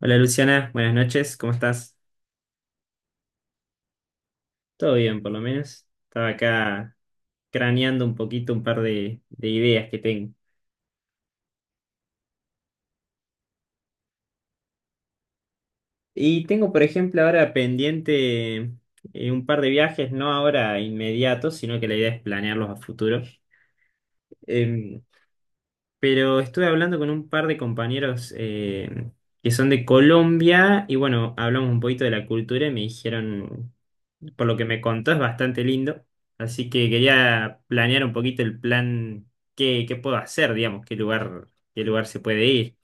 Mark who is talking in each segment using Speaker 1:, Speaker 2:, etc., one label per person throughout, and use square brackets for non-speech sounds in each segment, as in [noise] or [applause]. Speaker 1: Hola Luciana, buenas noches, ¿cómo estás? Todo bien, por lo menos. Estaba acá craneando un poquito un par de ideas que tengo. Y tengo, por ejemplo, ahora pendiente un par de viajes, no ahora inmediatos, sino que la idea es planearlos a futuro. Em, pero estuve hablando con un par de compañeros que son de Colombia y bueno, hablamos un poquito de la cultura y me dijeron por lo que me contó, es bastante lindo. Así que quería planear un poquito el plan, qué puedo hacer, digamos, qué lugar se puede ir.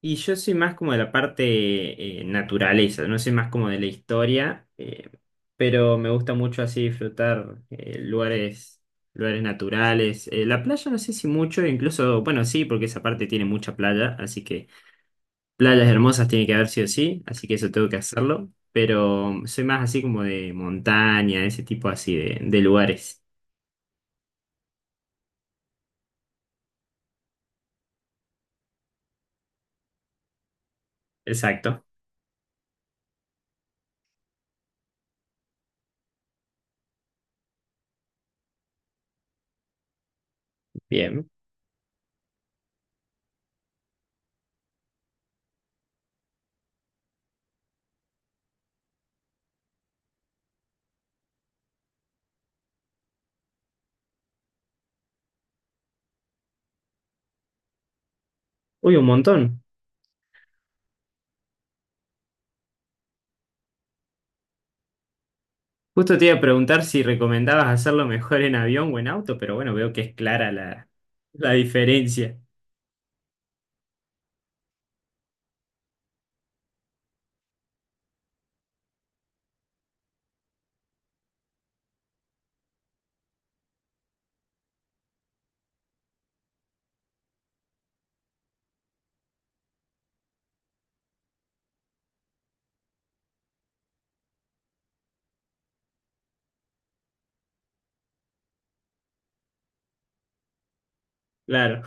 Speaker 1: Y yo soy más como de la parte naturaleza, no soy más como de la historia, pero me gusta mucho así disfrutar lugares, lugares naturales. La playa no sé si mucho, incluso, bueno, sí, porque esa parte tiene mucha playa, así que playas hermosas tiene que haber sí o sí, así que eso tengo que hacerlo. Pero soy más así como de montaña, ese tipo así de lugares. Exacto. Bien. Uy, un montón. Justo te iba a preguntar si recomendabas hacerlo mejor en avión o en auto, pero bueno, veo que es clara la diferencia. Claro,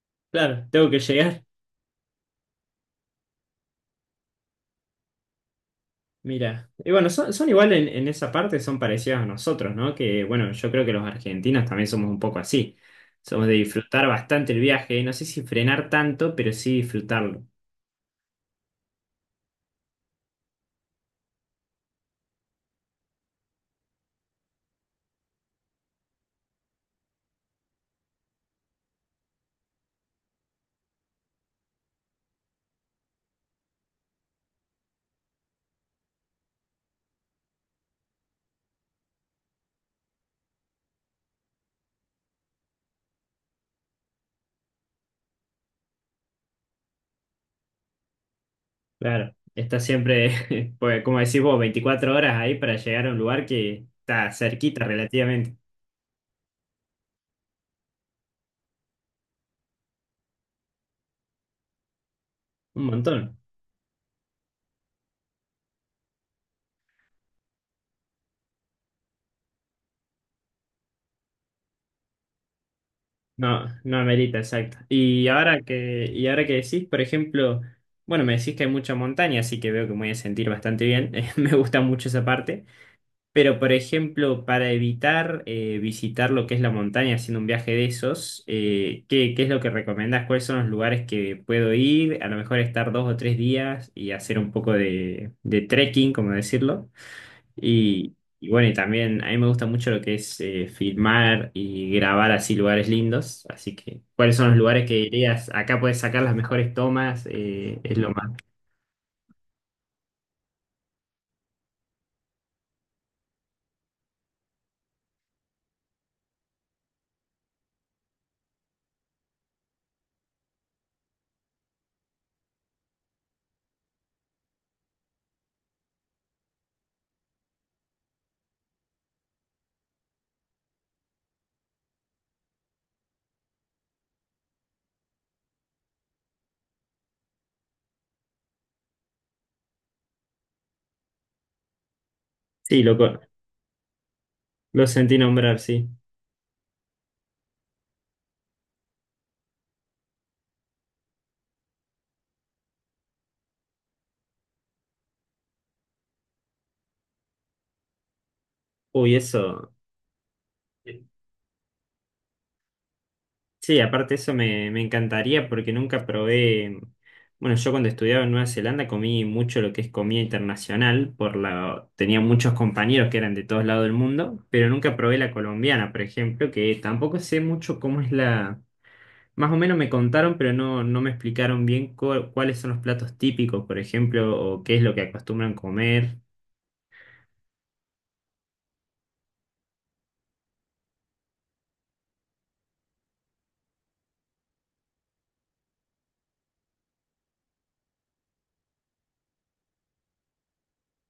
Speaker 1: [laughs] claro, tengo que llegar. Mira, y bueno, son igual en esa parte, son parecidos a nosotros, ¿no? Que bueno, yo creo que los argentinos también somos un poco así. Somos de disfrutar bastante el viaje, no sé si frenar tanto, pero sí disfrutarlo. Claro, está siempre, [laughs] pues, como decís vos, 24 horas ahí para llegar a un lugar que está cerquita relativamente. Un montón. No, no amerita, exacto. Y ahora que decís, por ejemplo, bueno, me decís que hay mucha montaña, así que veo que me voy a sentir bastante bien. [laughs] Me gusta mucho esa parte. Pero, por ejemplo, para evitar visitar lo que es la montaña haciendo un viaje de esos, ¿ qué es lo que recomendás? ¿Cuáles son los lugares que puedo ir? A lo mejor estar dos o tres días y hacer un poco de trekking, como decirlo. Y bueno, y también a mí me gusta mucho lo que es filmar y grabar así lugares lindos. Así que, ¿cuáles son los lugares que dirías? Acá puedes sacar las mejores tomas, es lo más. Sí, lo sentí nombrar, sí. Uy, eso. Sí, aparte eso me encantaría porque nunca probé, bueno, yo cuando estudiaba en Nueva Zelanda comí mucho lo que es comida internacional, por la, tenía muchos compañeros que eran de todos lados del mundo, pero nunca probé la colombiana, por ejemplo, que tampoco sé mucho cómo es más o menos me contaron, pero no, no me explicaron bien cuáles son los platos típicos, por ejemplo, o qué es lo que acostumbran comer.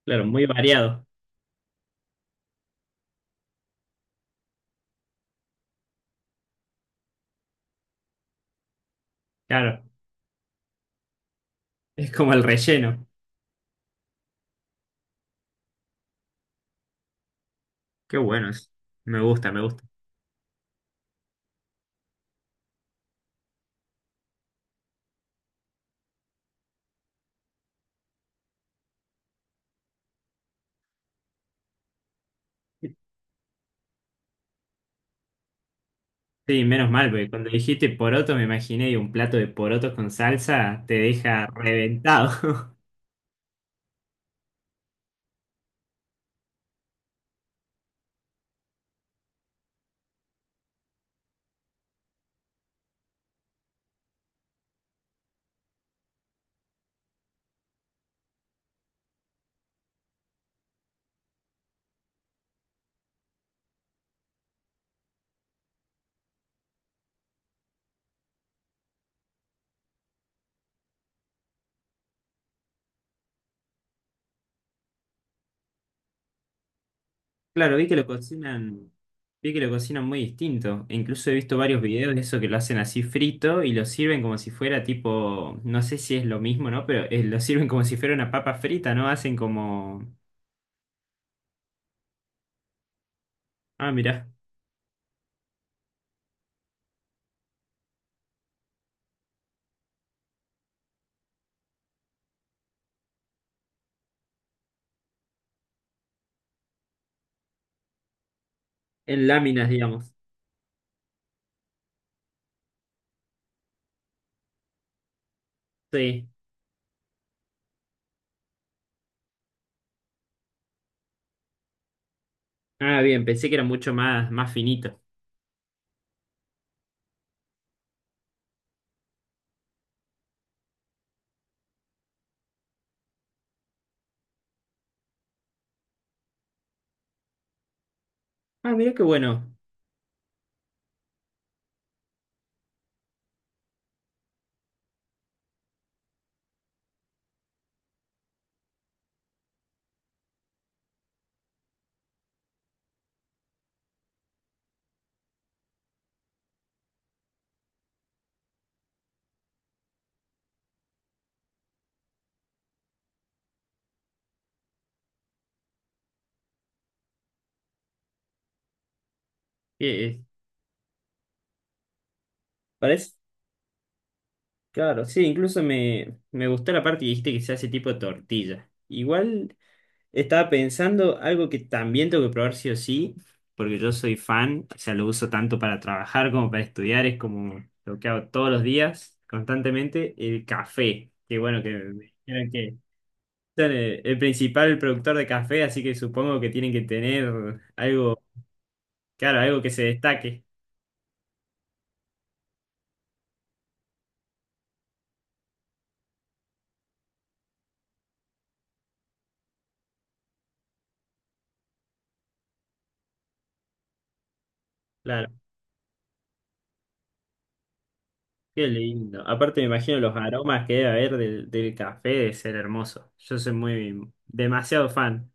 Speaker 1: Claro, muy variado, claro, es como el relleno. Qué bueno, me gusta, me gusta. Sí, menos mal, porque cuando dijiste poroto me imaginé y un plato de porotos con salsa te deja reventado. [laughs] Claro, vi que lo cocinan, vi que lo cocinan muy distinto. E incluso he visto varios videos de eso que lo hacen así frito y lo sirven como si fuera tipo, no sé si es lo mismo, ¿no? Pero lo sirven como si fuera una papa frita, ¿no? Hacen como, ah, mirá, en láminas, digamos. Sí. Ah, bien, pensé que era mucho más, más finito. Ah, mirá qué bueno. Eh, eh, parece claro, sí, incluso me gustó la parte que dijiste que se hace tipo tortilla. Igual estaba pensando algo que también tengo que probar sí o sí, porque yo soy fan, o sea, lo uso tanto para trabajar como para estudiar, es como lo que hago todos los días, constantemente, el café. Que bueno, que me dijeron que son el principal productor de café, así que supongo que tienen que tener algo, claro, algo que se destaque. Qué lindo. Aparte me imagino los aromas que debe haber del café de ser hermoso. Yo soy muy demasiado fan,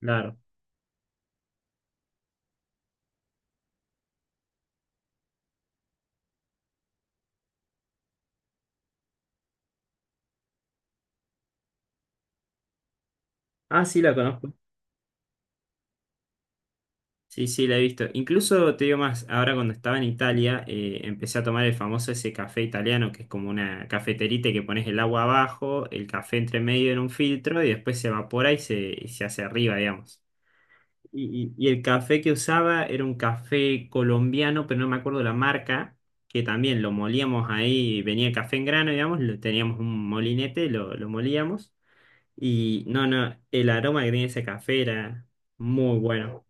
Speaker 1: claro. Ah, sí, la conozco. Sí, sí, la he visto. Incluso te digo más, ahora cuando estaba en Italia, empecé a tomar el famoso ese café italiano, que es como una cafeterita que pones el agua abajo, el café entre medio en un filtro y después se evapora y se hace arriba, digamos. Y el café que usaba era un café colombiano, pero no me acuerdo la marca, que también lo molíamos ahí, venía el café en grano, digamos, lo, teníamos un molinete, lo molíamos. Y no, no, el aroma que tenía ese café era muy bueno.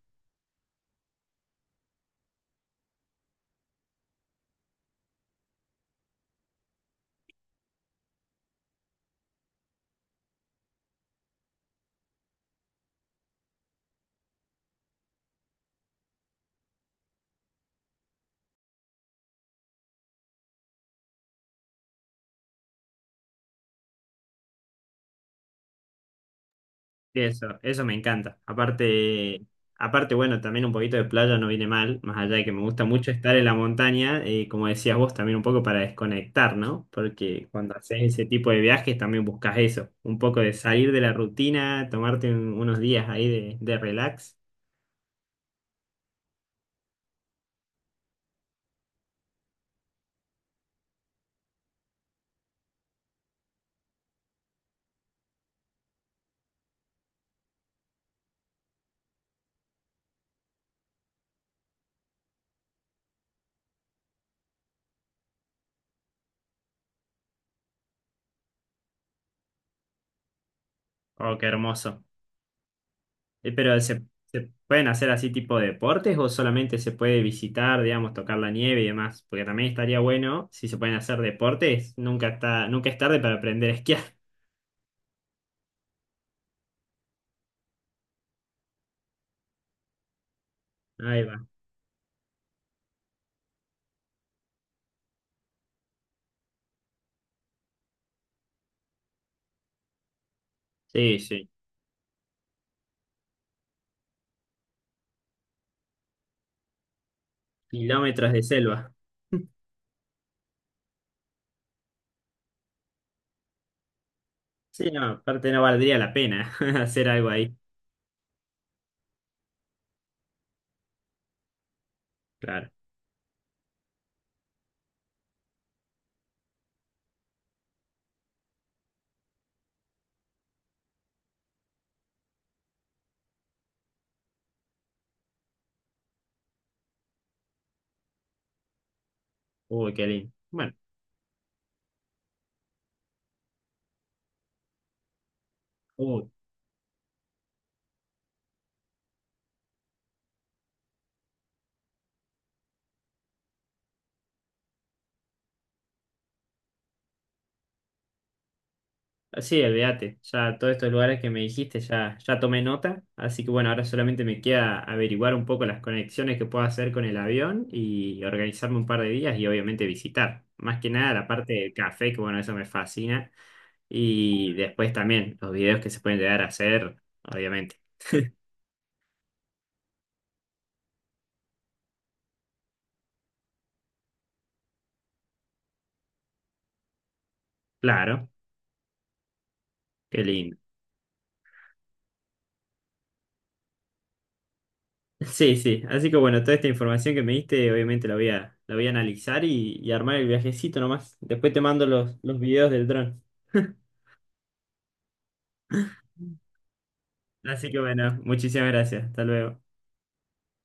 Speaker 1: Eso me encanta. Aparte, aparte, bueno, también un poquito de playa no viene mal, más allá de que me gusta mucho estar en la montaña, como decías vos, también un poco para desconectar, ¿no? Porque cuando haces ese tipo de viajes también buscas eso, un poco de salir de la rutina, tomarte unos días ahí de relax. Oh, qué hermoso. Pero se pueden hacer así tipo de deportes o solamente se puede visitar, digamos, tocar la nieve y demás? Porque también estaría bueno, si se pueden hacer deportes, nunca está, nunca es tarde para aprender a esquiar. Ahí va. Sí, sí. Kilómetros de selva. [laughs] Sí, no, aparte no valdría la pena [laughs] hacer algo ahí. Claro. Uy, qué lindo. Bueno, uy. Sí, olvídate. Ya todos estos lugares que me dijiste ya, ya tomé nota. Así que bueno, ahora solamente me queda averiguar un poco las conexiones que puedo hacer con el avión y organizarme un par de días y obviamente visitar. Más que nada la parte del café, que bueno, eso me fascina. Y después también los videos que se pueden llegar a hacer, obviamente. Claro, qué lindo. Sí, sí. Así que bueno, toda esta información que me diste, obviamente la voy a analizar y armar el viajecito nomás. Después te mando los videos del dron. [laughs] Así que bueno, muchísimas gracias. Hasta luego.